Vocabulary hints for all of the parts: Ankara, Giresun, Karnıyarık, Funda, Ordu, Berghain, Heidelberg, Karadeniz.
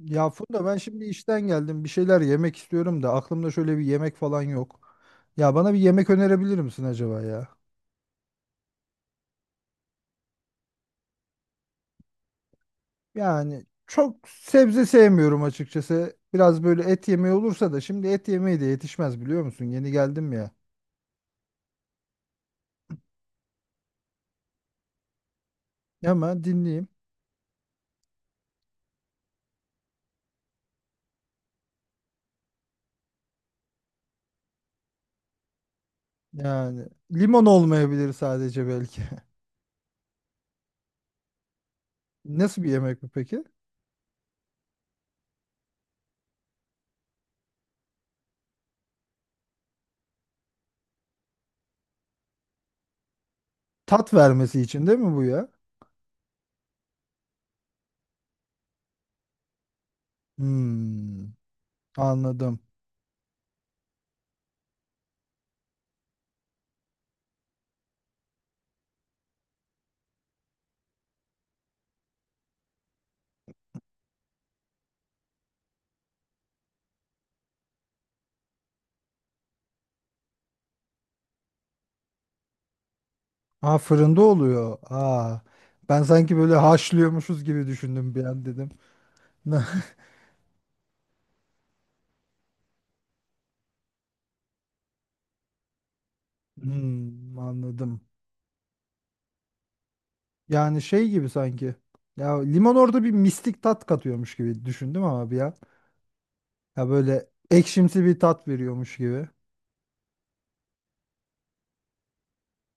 Ya Funda ben şimdi işten geldim. Bir şeyler yemek istiyorum da aklımda şöyle bir yemek falan yok. Ya bana bir yemek önerebilir misin acaba ya? Yani çok sebze sevmiyorum açıkçası. Biraz böyle et yemeği olursa da şimdi et yemeği de yetişmez biliyor musun? Yeni geldim ya. Hemen dinleyeyim. Yani limon olmayabilir sadece belki. Nasıl bir yemek bu peki? Tat vermesi için değil mi bu ya? Hmm, anladım. Ha fırında oluyor. Aa, ben sanki böyle haşlıyormuşuz gibi düşündüm bir an dedim. Hmm, anladım. Yani şey gibi sanki. Ya limon orada bir mistik tat katıyormuş gibi düşündüm ama bir an. Ya böyle ekşimsi bir tat veriyormuş gibi.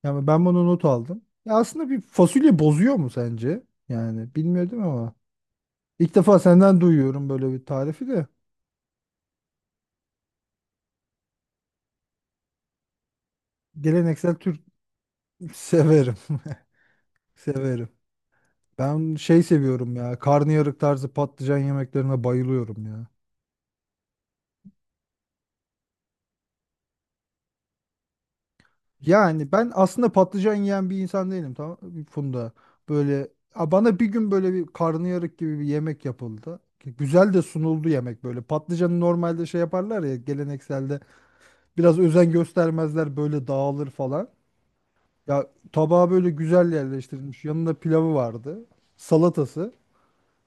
Yani ben bunu not aldım. Ya aslında bir fasulye bozuyor mu sence? Yani bilmiyordum ama. İlk defa senden duyuyorum böyle bir tarifi de. Geleneksel Türk. Severim. Severim. Ben şey seviyorum ya. Karnıyarık tarzı patlıcan yemeklerine bayılıyorum ya. Yani ben aslında patlıcan yiyen bir insan değilim tamam mı Funda. Böyle a, bana bir gün böyle bir karnıyarık gibi bir yemek yapıldı. Ki güzel de sunuldu yemek böyle. Patlıcanı normalde şey yaparlar ya gelenekselde biraz özen göstermezler böyle dağılır falan. Ya tabağa böyle güzel yerleştirilmiş. Yanında pilavı vardı. Salatası.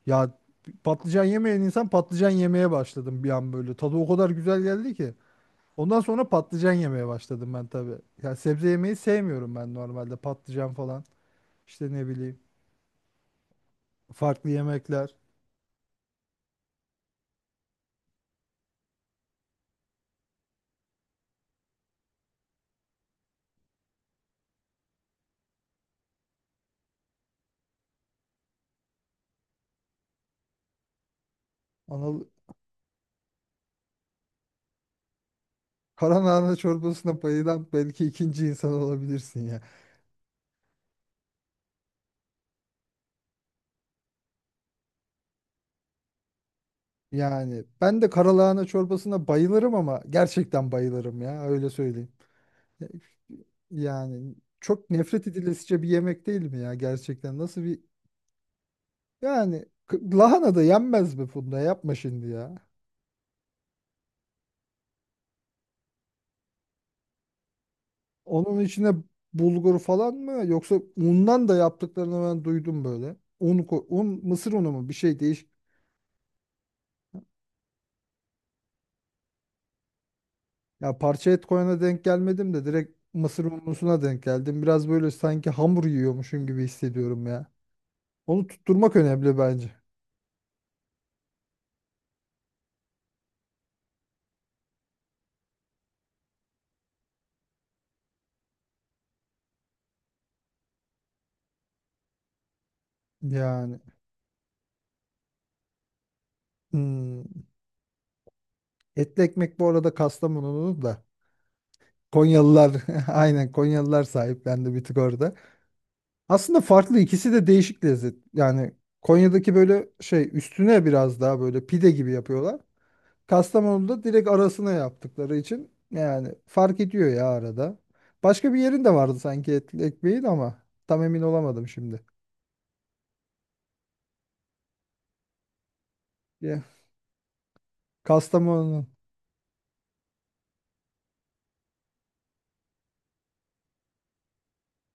Ya patlıcan yemeyen insan patlıcan yemeye başladım bir an böyle. Tadı o kadar güzel geldi ki. Ondan sonra patlıcan yemeye başladım ben tabii. Ya sebze yemeyi sevmiyorum ben normalde. Patlıcan falan. İşte ne bileyim. Farklı yemekler. Anıl karalahana çorbasına bayılan belki ikinci insan olabilirsin ya. Yani ben de karalahana çorbasına bayılırım ama gerçekten bayılırım ya öyle söyleyeyim. Yani çok nefret edilesice bir yemek değil mi ya gerçekten? Nasıl bir, yani lahana da yenmez mi Funda? Yapma şimdi ya. Onun içine bulgur falan mı yoksa undan da yaptıklarını ben duydum böyle. Un, un, mısır unu mu, bir şey değiş. Ya parça et koyana denk gelmedim de direkt mısır unlusuna denk geldim. Biraz böyle sanki hamur yiyormuşum gibi hissediyorum ya. Onu tutturmak önemli bence. Yani hmm. Etli ekmek bu arada Kastamonu'nun da. Konyalılar aynen Konyalılar sahiplendi bir tık orada. Aslında farklı, ikisi de değişik lezzet. Yani Konya'daki böyle şey üstüne biraz daha böyle pide gibi yapıyorlar. Kastamonu'da direkt arasına yaptıkları için yani fark ediyor ya arada. Başka bir yerin de vardı sanki etli ekmeğin ama tam emin olamadım şimdi. Ya, Kastamonu'nun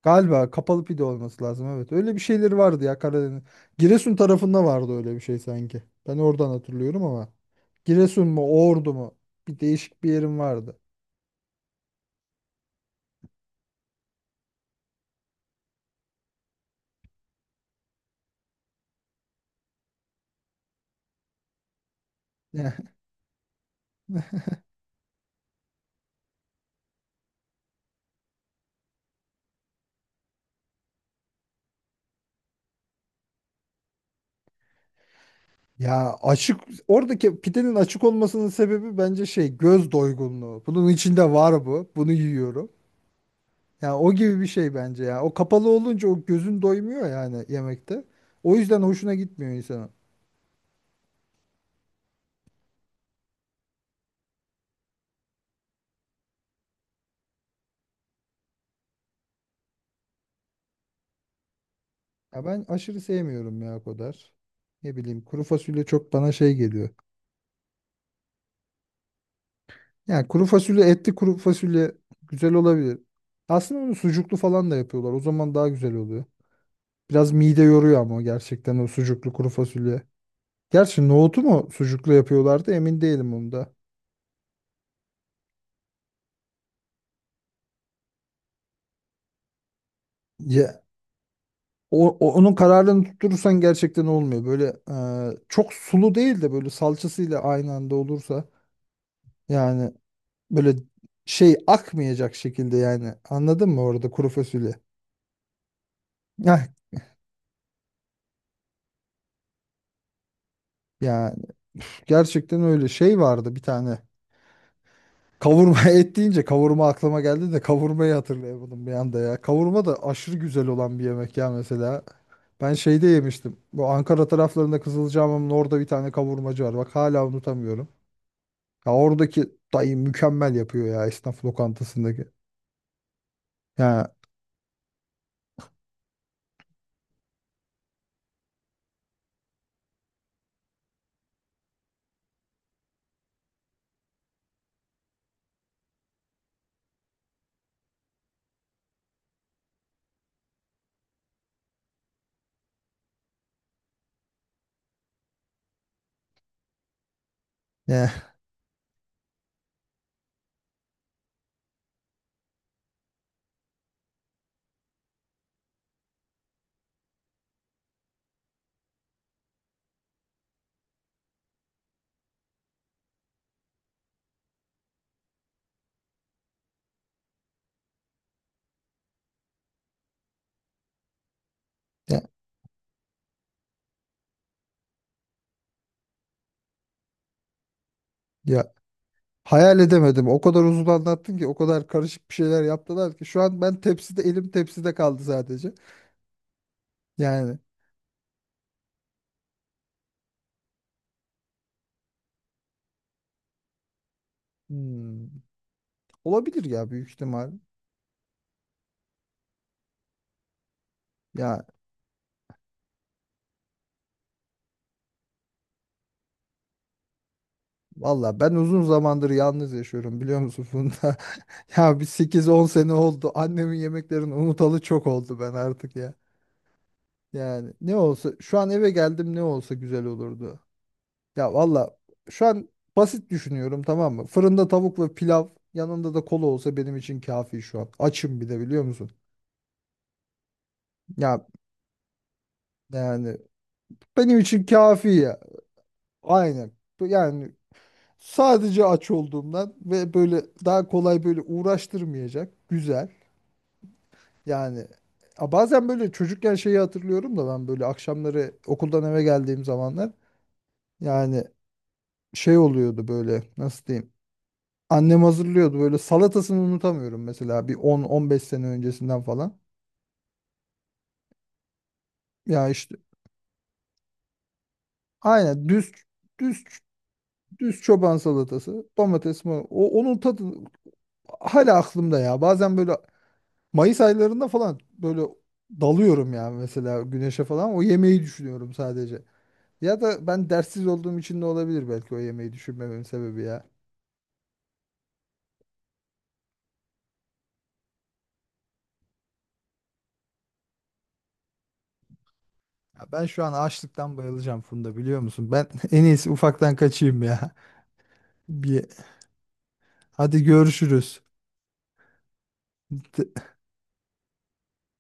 galiba kapalı pide olması lazım evet. Öyle bir şeyleri vardı ya Karadeniz. Giresun tarafında vardı öyle bir şey sanki. Ben oradan hatırlıyorum ama Giresun mu Ordu mu, bir değişik bir yerim vardı. Ya açık, oradaki pidenin açık olmasının sebebi bence şey, göz doygunluğu. Bunun içinde var bu. Bunu yiyorum. Yani o gibi bir şey bence ya. O kapalı olunca o gözün doymuyor yani yemekte. O yüzden hoşuna gitmiyor insana. Ya ben aşırı sevmiyorum ya o kadar. Ne bileyim kuru fasulye çok bana şey geliyor. Yani kuru fasulye, etli kuru fasulye güzel olabilir. Aslında onu sucuklu falan da yapıyorlar. O zaman daha güzel oluyor. Biraz mide yoruyor ama o, gerçekten o sucuklu kuru fasulye. Gerçi nohutu mu sucuklu yapıyorlardı emin değilim onda. Ya, onun kararını tutturursan gerçekten olmuyor. Böyle çok sulu değil de böyle salçasıyla aynı anda olursa, yani böyle şey akmayacak şekilde, yani anladın mı orada kuru fasulye? Heh, yani üf, gerçekten öyle şey vardı bir tane. Kavurma, et deyince kavurma aklıma geldi de kavurmayı hatırlayamadım bir anda ya. Kavurma da aşırı güzel olan bir yemek ya mesela. Ben şeyde yemiştim. Bu Ankara taraflarında Kızılcahamam'ın orada bir tane kavurmacı var. Bak hala unutamıyorum. Ya oradaki dayı mükemmel yapıyor ya, esnaf lokantasındaki. Ya ya ya, ya. Hayal edemedim. O kadar uzun anlattın ki, o kadar karışık bir şeyler yaptılar ki şu an ben tepside, elim tepside kaldı sadece. Yani hmm, olabilir ya, büyük ihtimal. Ya valla ben uzun zamandır yalnız yaşıyorum biliyor musun Funda? Ya bir 8-10 sene oldu. Annemin yemeklerini unutalı çok oldu ben artık ya. Yani ne olsa şu an, eve geldim ne olsa güzel olurdu. Ya valla şu an basit düşünüyorum tamam mı? Fırında tavuk ve pilav, yanında da kola olsa benim için kafi şu an. Açım bir de biliyor musun? Ya yani benim için kafi ya. Aynen. Yani sadece aç olduğumdan ve böyle daha kolay, böyle uğraştırmayacak. Güzel. Yani a, bazen böyle çocukken şeyi hatırlıyorum da, ben böyle akşamları okuldan eve geldiğim zamanlar, yani şey oluyordu böyle, nasıl diyeyim? Annem hazırlıyordu böyle, salatasını unutamıyorum mesela, bir 10-15 sene öncesinden falan. Ya işte aynen düz düz çoban salatası, domates mi o, onun tadı hala aklımda ya. Bazen böyle Mayıs aylarında falan böyle dalıyorum ya, mesela güneşe falan, o yemeği düşünüyorum sadece. Ya da ben derssiz olduğum için de olabilir belki o yemeği düşünmememin sebebi ya. Ya ben şu an açlıktan bayılacağım Funda biliyor musun? Ben en iyisi ufaktan kaçayım ya. Bir, hadi görüşürüz.